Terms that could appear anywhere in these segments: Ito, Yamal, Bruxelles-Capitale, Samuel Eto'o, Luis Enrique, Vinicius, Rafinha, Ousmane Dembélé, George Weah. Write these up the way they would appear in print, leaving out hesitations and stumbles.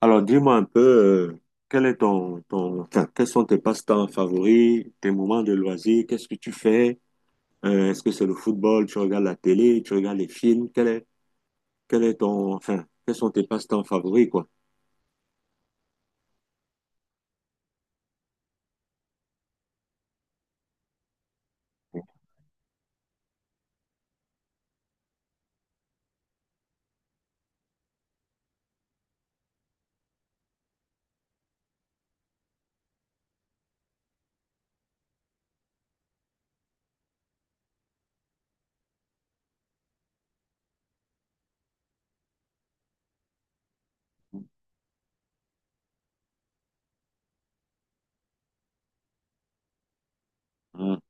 Alors, dis-moi un peu, quel est quels sont tes passe-temps favoris, tes moments de loisirs, qu'est-ce que tu fais? Est-ce que c'est le football, tu regardes la télé, tu regardes les films, quel est quels sont tes passe-temps favoris, quoi? Hein,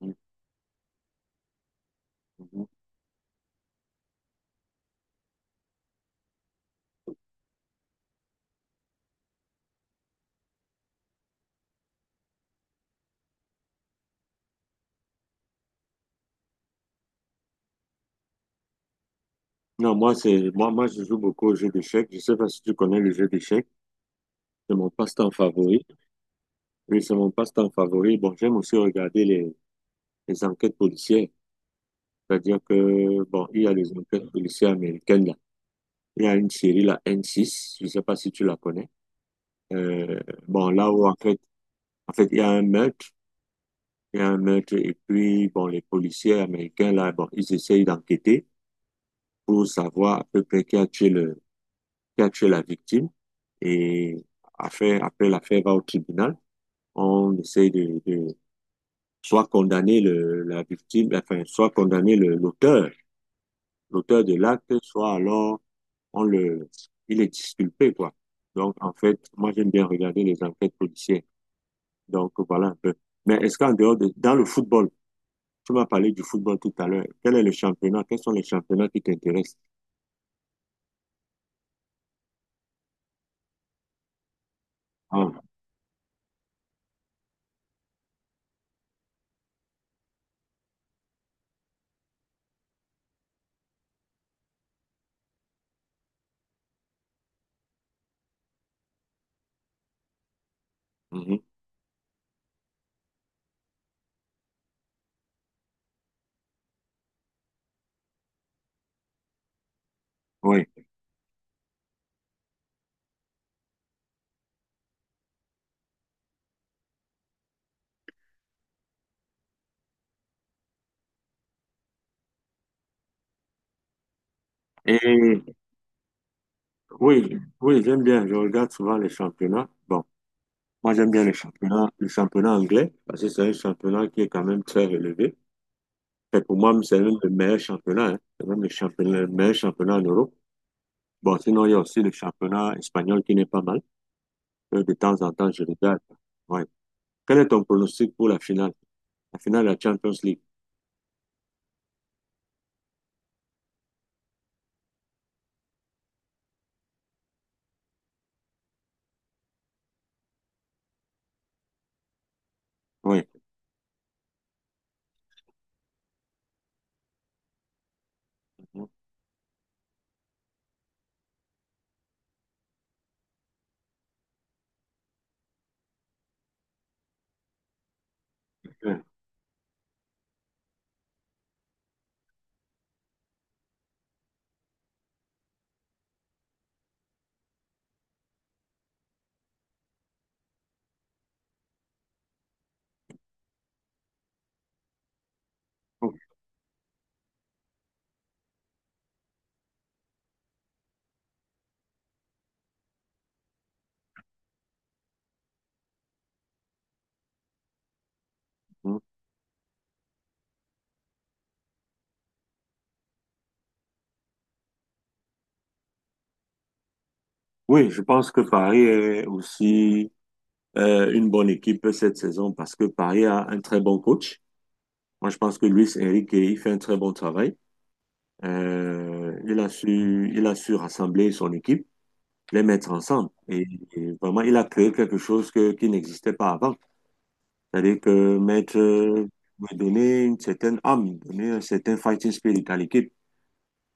hein, hein. Non, moi, je joue beaucoup aux jeux d'échecs. Je sais pas si tu connais le jeu d'échecs. C'est mon passe-temps favori. Oui, c'est mon passe-temps favori. Bon, j'aime aussi regarder les enquêtes policières. C'est-à-dire que, bon, il y a des enquêtes policières américaines. Il y a une série, la N6, je ne sais pas si tu la connais. Euh, bon, là où en fait, il y a un meurtre, il y a un meurtre, et puis, bon, les policiers américains, là, bon, ils essayent d'enquêter pour savoir à peu près qui a tué la victime. Et après, l'affaire va au tribunal. On essaie de soit condamner le, la victime, enfin, soit condamner l'auteur, l'auteur de l'acte, soit alors on le, il est disculpé, quoi. Donc, en fait, moi, j'aime bien regarder les enquêtes policières. Donc, voilà un peu. Mais est-ce qu'en dehors de, dans le football, tu m'as parlé du football tout à l'heure. Quel est le championnat? Quels sont les championnats qui t'intéressent? Ah, mhm, oui. Et oui, oui, j'aime bien. Je regarde souvent les championnats. Bon, moi j'aime bien les championnats, le championnat anglais, parce que c'est un championnat qui est quand même très élevé. Et pour moi, c'est même le meilleur championnat, hein. C'est même le meilleur championnat en Europe. Bon, sinon, il y a aussi le championnat espagnol qui n'est pas mal. De temps en temps, je regarde. Ouais. Quel est ton pronostic pour la finale? La finale de la Champions League. Oui. Oui, je pense que Paris est aussi une bonne équipe cette saison parce que Paris a un très bon coach. Moi, je pense que Luis Enrique, il fait un très bon travail. Il a su rassembler son équipe, les mettre ensemble. Et vraiment, il a créé quelque chose qui n'existait pas avant. C'est-à-dire que Maître veut donner une certaine âme, donner un certain fighting spirit à l'équipe.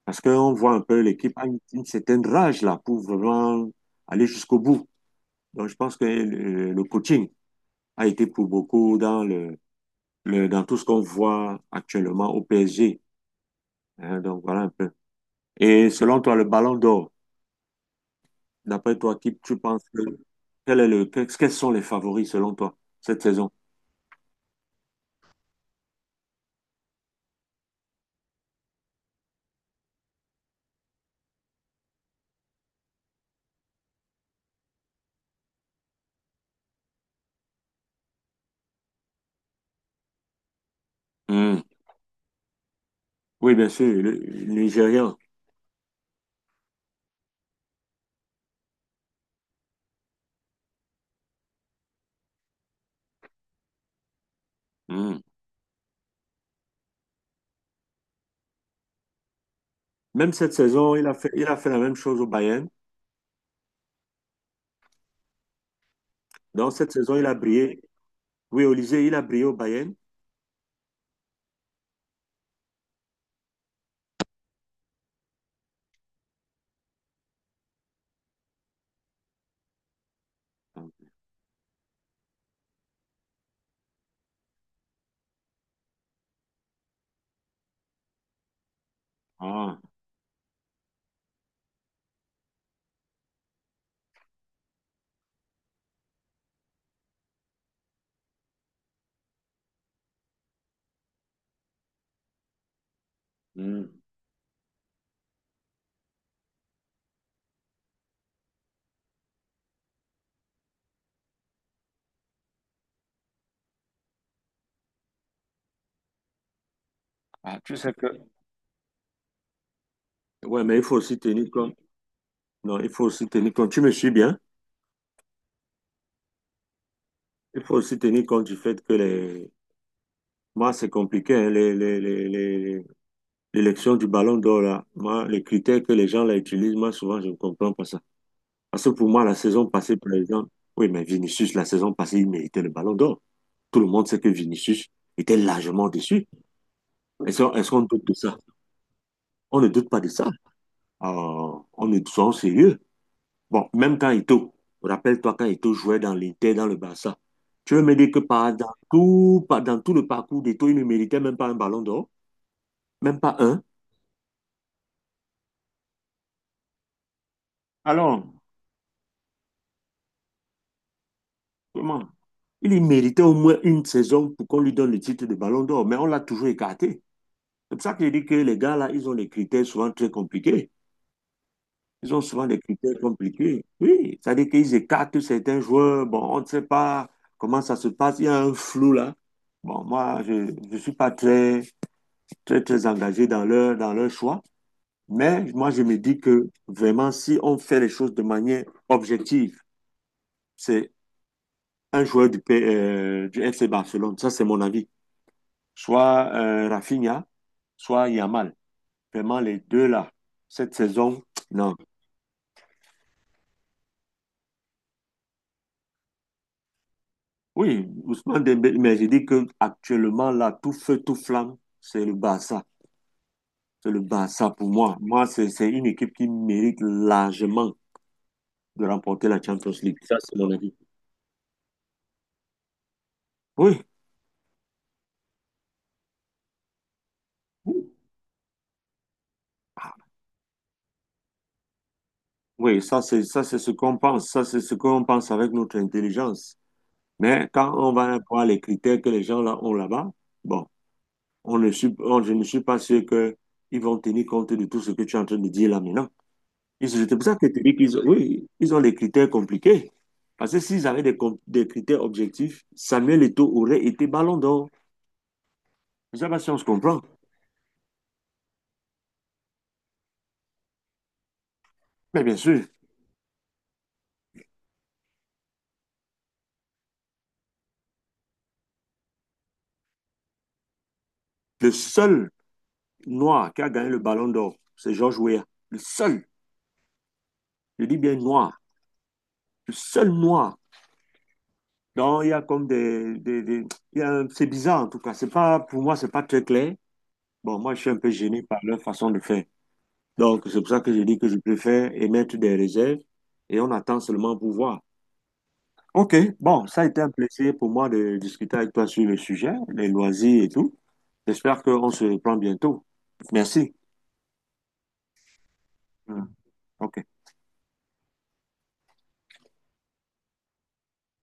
Parce qu'on voit un peu l'équipe a une certaine rage là pour vraiment aller jusqu'au bout. Donc je pense que le coaching a été pour beaucoup dans le dans tout ce qu'on voit actuellement au PSG, hein. Donc voilà un peu. Et selon toi, le Ballon d'Or, d'après toi, qui tu penses que quel est quels sont les favoris selon toi cette saison? Hmm. Oui, bien sûr, le Nigérian. Mm. Même cette saison, il a fait la même chose au Bayern. Donc, cette saison, il a brillé. Oui, Olysée, il a brillé au Bayern. Ah, hmm. Ah, tu sais que, ouais, mais il faut aussi tenir compte. Non, il faut aussi tenir compte. Tu me suis bien? Il faut aussi tenir compte du fait que les. Moi, c'est compliqué, hein, l'élection du ballon d'or, là. Moi, les critères que les gens là, utilisent, moi, souvent, je ne comprends pas ça. Parce que pour moi, la saison passée, par exemple, oui, mais Vinicius, la saison passée, il méritait le ballon d'or. Tout le monde sait que Vinicius était largement déçu. Est-ce qu'on doute de ça? On ne doute pas de ça. Soyons sérieux. Bon, même quand Ito, rappelle-toi quand Ito jouait dans l'Inter, dans le Barça, tu veux me dire que dans tout le parcours d'Ito, il ne méritait même pas un ballon d'or? Même pas un? Alors, comment? Il y méritait au moins une saison pour qu'on lui donne le titre de ballon d'or, mais on l'a toujours écarté. C'est pour ça que je dis que les gars, là, ils ont des critères souvent très compliqués. Ils ont souvent des critères compliqués. Oui, ça veut dire qu'ils écartent certains joueurs. Bon, on ne sait pas comment ça se passe. Il y a un flou là. Bon, moi, je ne suis pas très engagé dans dans leur choix. Mais moi, je me dis que vraiment, si on fait les choses de manière objective, c'est un joueur du FC Barcelone. Ça, c'est mon avis. Soit Rafinha, soit Yamal. Vraiment, les deux là, cette saison, non. Oui, Ousmane Dembélé, mais j'ai dit que actuellement là, tout feu, tout flamme, c'est le Barça. C'est le Barça pour moi. Moi, c'est une équipe qui mérite largement de remporter la Champions League. Ça, c'est mon avis. Oui, ah, oui, ça c'est ce qu'on pense. Ça c'est ce qu'on pense avec notre intelligence. Mais quand on va voir les critères que les gens là ont là-bas, bon, on ne suis, on- je ne suis pas sûr que ils vont tenir compte de tout ce que tu es en train de dire là maintenant. C'est pour ça que tu dis qu'ils ont, oui, ils ont des critères compliqués. Parce que s'ils avaient des critères objectifs, Samuel Eto'o aurait été ballon d'or. Je ne sais pas si on se comprend. Mais bien sûr, le seul noir qui a gagné le ballon d'or, c'est George Weah. Le seul, je dis bien noir, le seul noir. Donc, il y a comme des- il y a un- c'est bizarre en tout cas. C'est pas, pour moi, c'est pas très clair. Bon, moi, je suis un peu gêné par leur façon de faire. Donc, c'est pour ça que je dis que je préfère émettre des réserves et on attend seulement pour voir. Ok, bon, ça a été un plaisir pour moi de discuter avec toi sur le sujet, les loisirs et tout. J'espère qu'on se reprend bientôt. Merci. Mm. Ok.